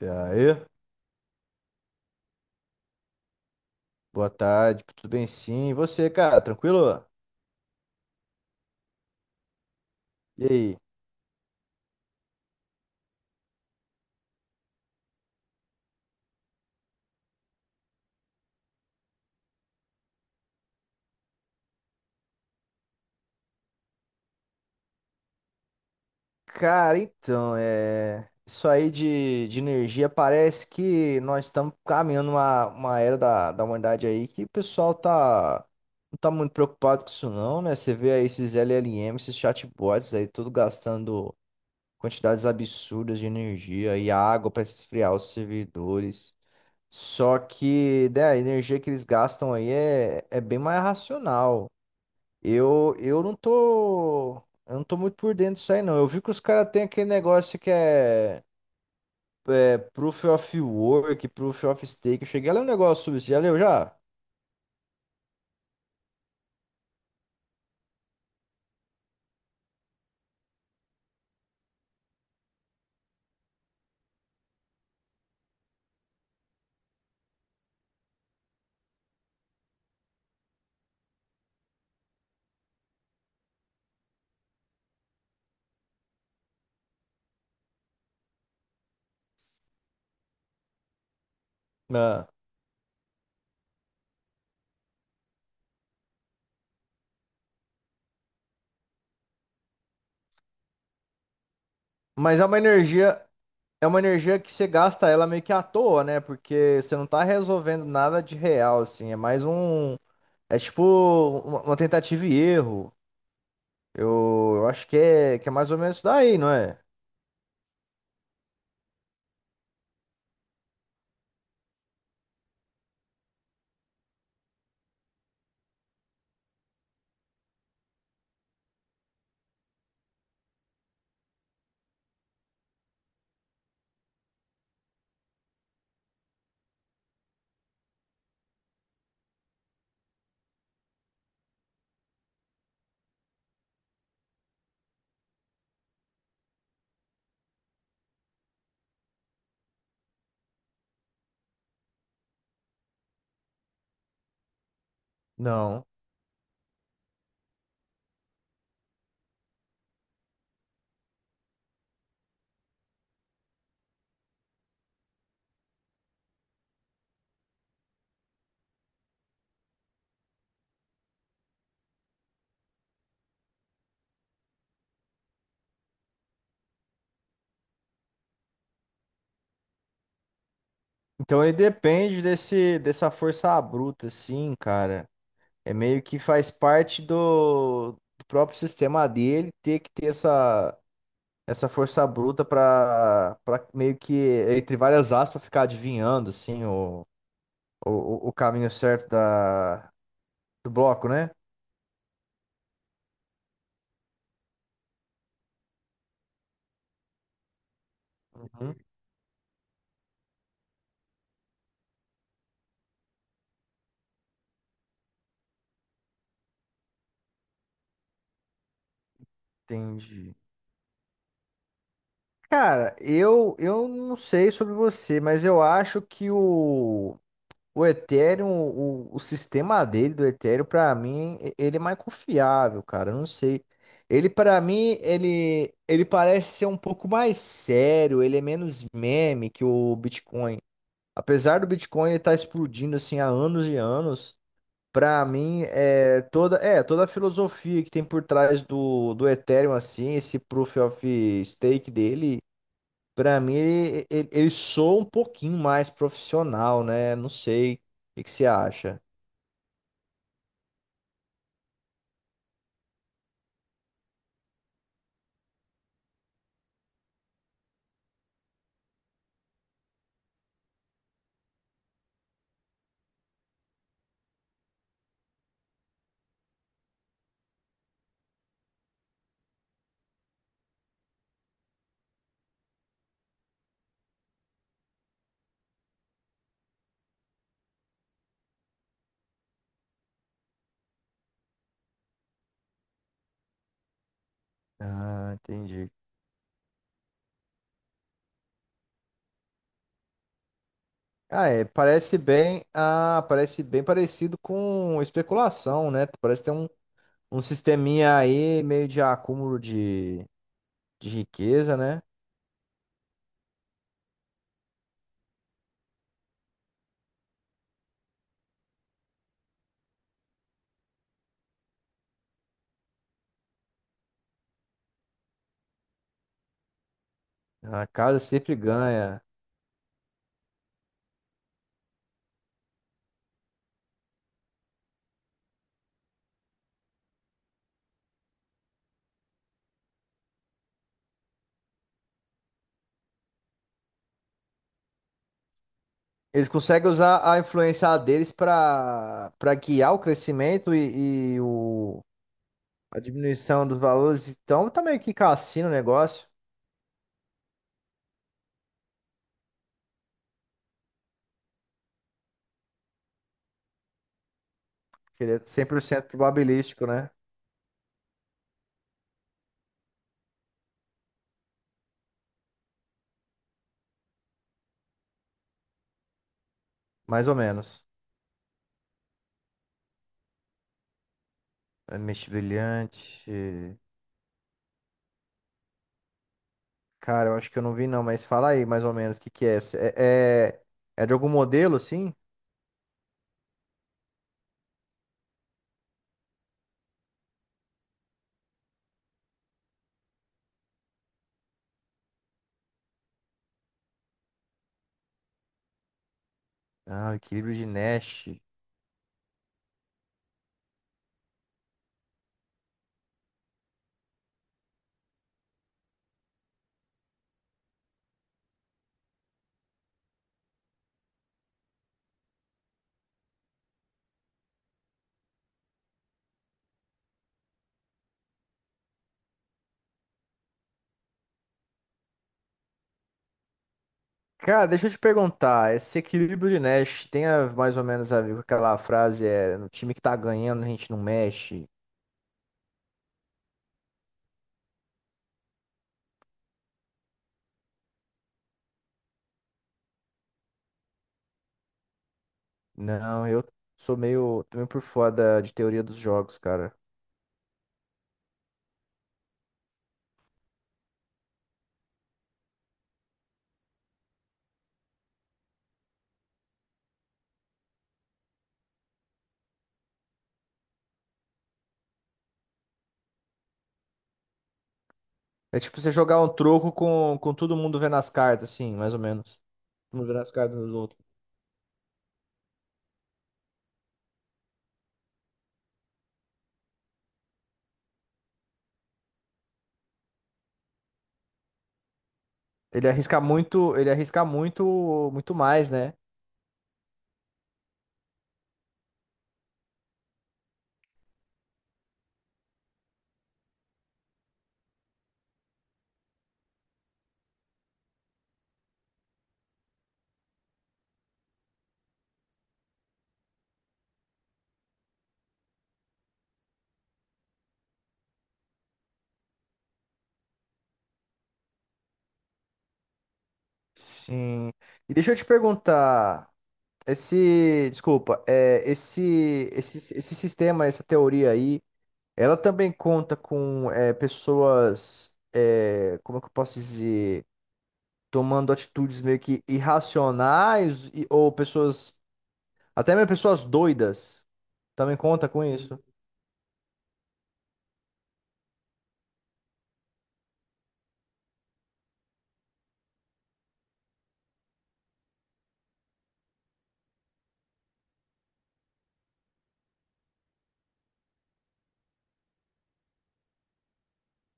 E aí? Boa tarde, tudo bem sim? E você, cara, tranquilo? E aí? Cara, então, isso aí de energia parece que nós estamos caminhando uma era da humanidade aí que o pessoal tá não tá muito preocupado com isso não, né? Você vê aí esses LLM, esses chatbots aí, tudo gastando quantidades absurdas de energia e água para esfriar os servidores. Só que, né, a energia que eles gastam aí é bem mais racional. Eu, eu não tô, eu não tô muito por dentro disso aí, não. Eu vi que os caras têm aquele negócio é Proof of Work, Proof of Stake. Eu cheguei a ler um negócio sobre isso, já leu já? Ah. Mas é uma energia que você gasta ela meio que à toa, né? Porque você não tá resolvendo nada de real, assim. É tipo uma tentativa e erro. Eu acho que é mais ou menos isso daí, não é? Não. Então ele depende dessa força bruta, assim, cara. É meio que faz parte do próprio sistema dele ter que ter essa força bruta para meio que, entre várias aspas, ficar adivinhando assim, o caminho certo da, do bloco, né? Uhum. Entendi. Cara, eu não sei sobre você, mas eu acho que o Ethereum, o sistema dele do Ethereum, pra mim, ele é mais confiável, cara. Eu não sei. Ele, pra mim, ele parece ser um pouco mais sério, ele é menos meme que o Bitcoin. Apesar do Bitcoin estar explodindo assim há anos e anos, pra mim, toda a filosofia que tem por trás do Ethereum, assim, esse proof of stake dele. Pra mim, ele soa um pouquinho mais profissional, né? Não sei. O que que você acha? Ah, entendi. Ah, é. Parece bem. Ah, parece bem parecido com especulação, né? Parece ter um, um sisteminha aí meio de acúmulo de riqueza, né? A casa sempre ganha. Eles conseguem usar a influência deles para guiar o crescimento e a diminuição dos valores. Então, tá meio que cassino o negócio. Que ele é 100% probabilístico, né? Mais ou menos. É Mente Brilhante. Cara, eu acho que eu não vi não, mas fala aí mais ou menos o que que é. É, é, é de algum modelo, assim? Ah, Equilíbrio de Nash. Cara, deixa eu te perguntar, esse Equilíbrio de Nash mais ou menos a ver com aquela frase, é, no time que tá ganhando a gente não mexe? Não, eu sou meio, tô meio por fora de teoria dos jogos, cara. É tipo você jogar um troco com todo mundo vendo as cartas, assim, mais ou menos. Todo mundo vendo as cartas dos outros. Ele arrisca muito, muito mais, né? Sim. E deixa eu te perguntar, esse, desculpa, é, esse sistema, essa teoria aí, ela também conta com é, pessoas, é, como é que eu posso dizer, tomando atitudes meio que irracionais ou pessoas, até mesmo pessoas doidas, também conta com isso.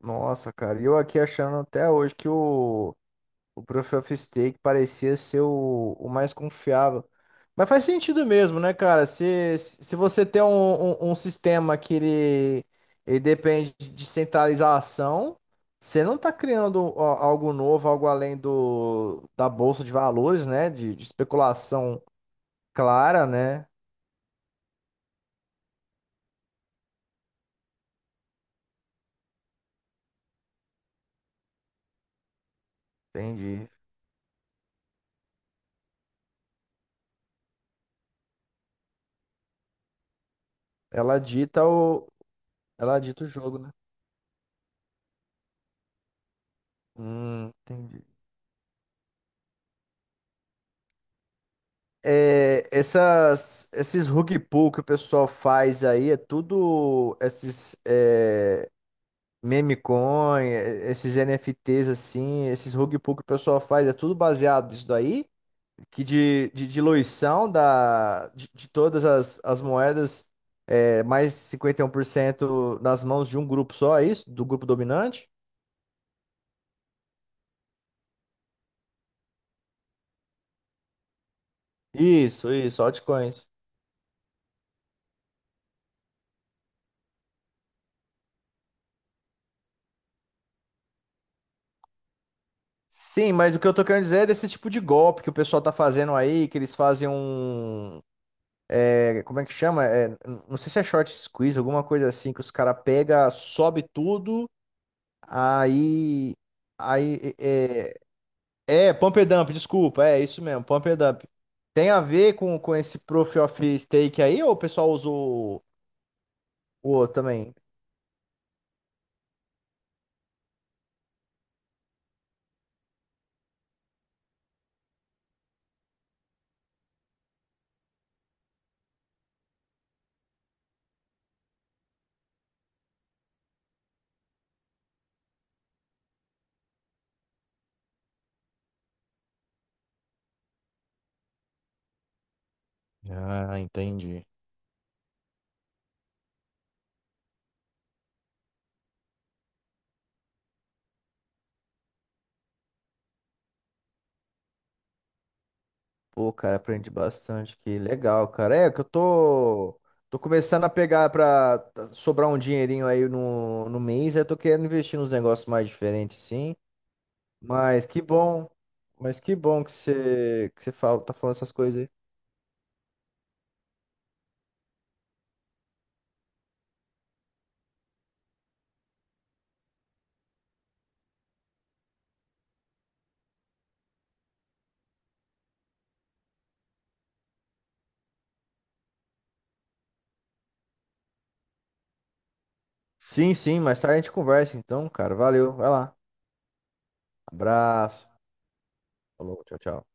Nossa, cara, e eu aqui achando até hoje que o Proof of Stake parecia ser o mais confiável. Mas faz sentido mesmo, né, cara? Se você tem um sistema que ele depende de centralização, você não está criando algo novo, algo além do, da bolsa de valores, né? De especulação clara, né? Entendi. Ela dita o, ela dita o jogo, né? Entendi. É, essas, esses rug pull que o pessoal faz aí é tudo esses é, meme coin, é, esses NFTs assim, esses rug pull que o pessoal faz é tudo baseado nisso daí, que de diluição da, de todas as, as moedas, é, mais 51% nas mãos de um grupo só, é isso? Do grupo dominante? Isso, altcoins. Sim, mas o que eu tô querendo dizer é desse tipo de golpe que o pessoal tá fazendo aí, que eles fazem um é, como é que chama? Não sei se é short squeeze, alguma coisa assim, que os caras pega, sobe tudo, aí. Aí. É, pump and dump, desculpa, é isso mesmo, pump and dump. Tem a ver com esse Proof of Stake aí, ou o pessoal usou o outro também? Ah, entendi. Pô, cara, aprendi bastante que legal, cara. É que eu tô tô começando a pegar pra sobrar um dinheirinho aí no, no mês, aí eu tô querendo investir nos negócios mais diferentes, sim. Mas que bom. Mas que bom que você fala, tá falando essas coisas aí. Sim, sim, mais tarde a gente conversa então, cara. Valeu, vai lá. Abraço. Falou, tchau, tchau.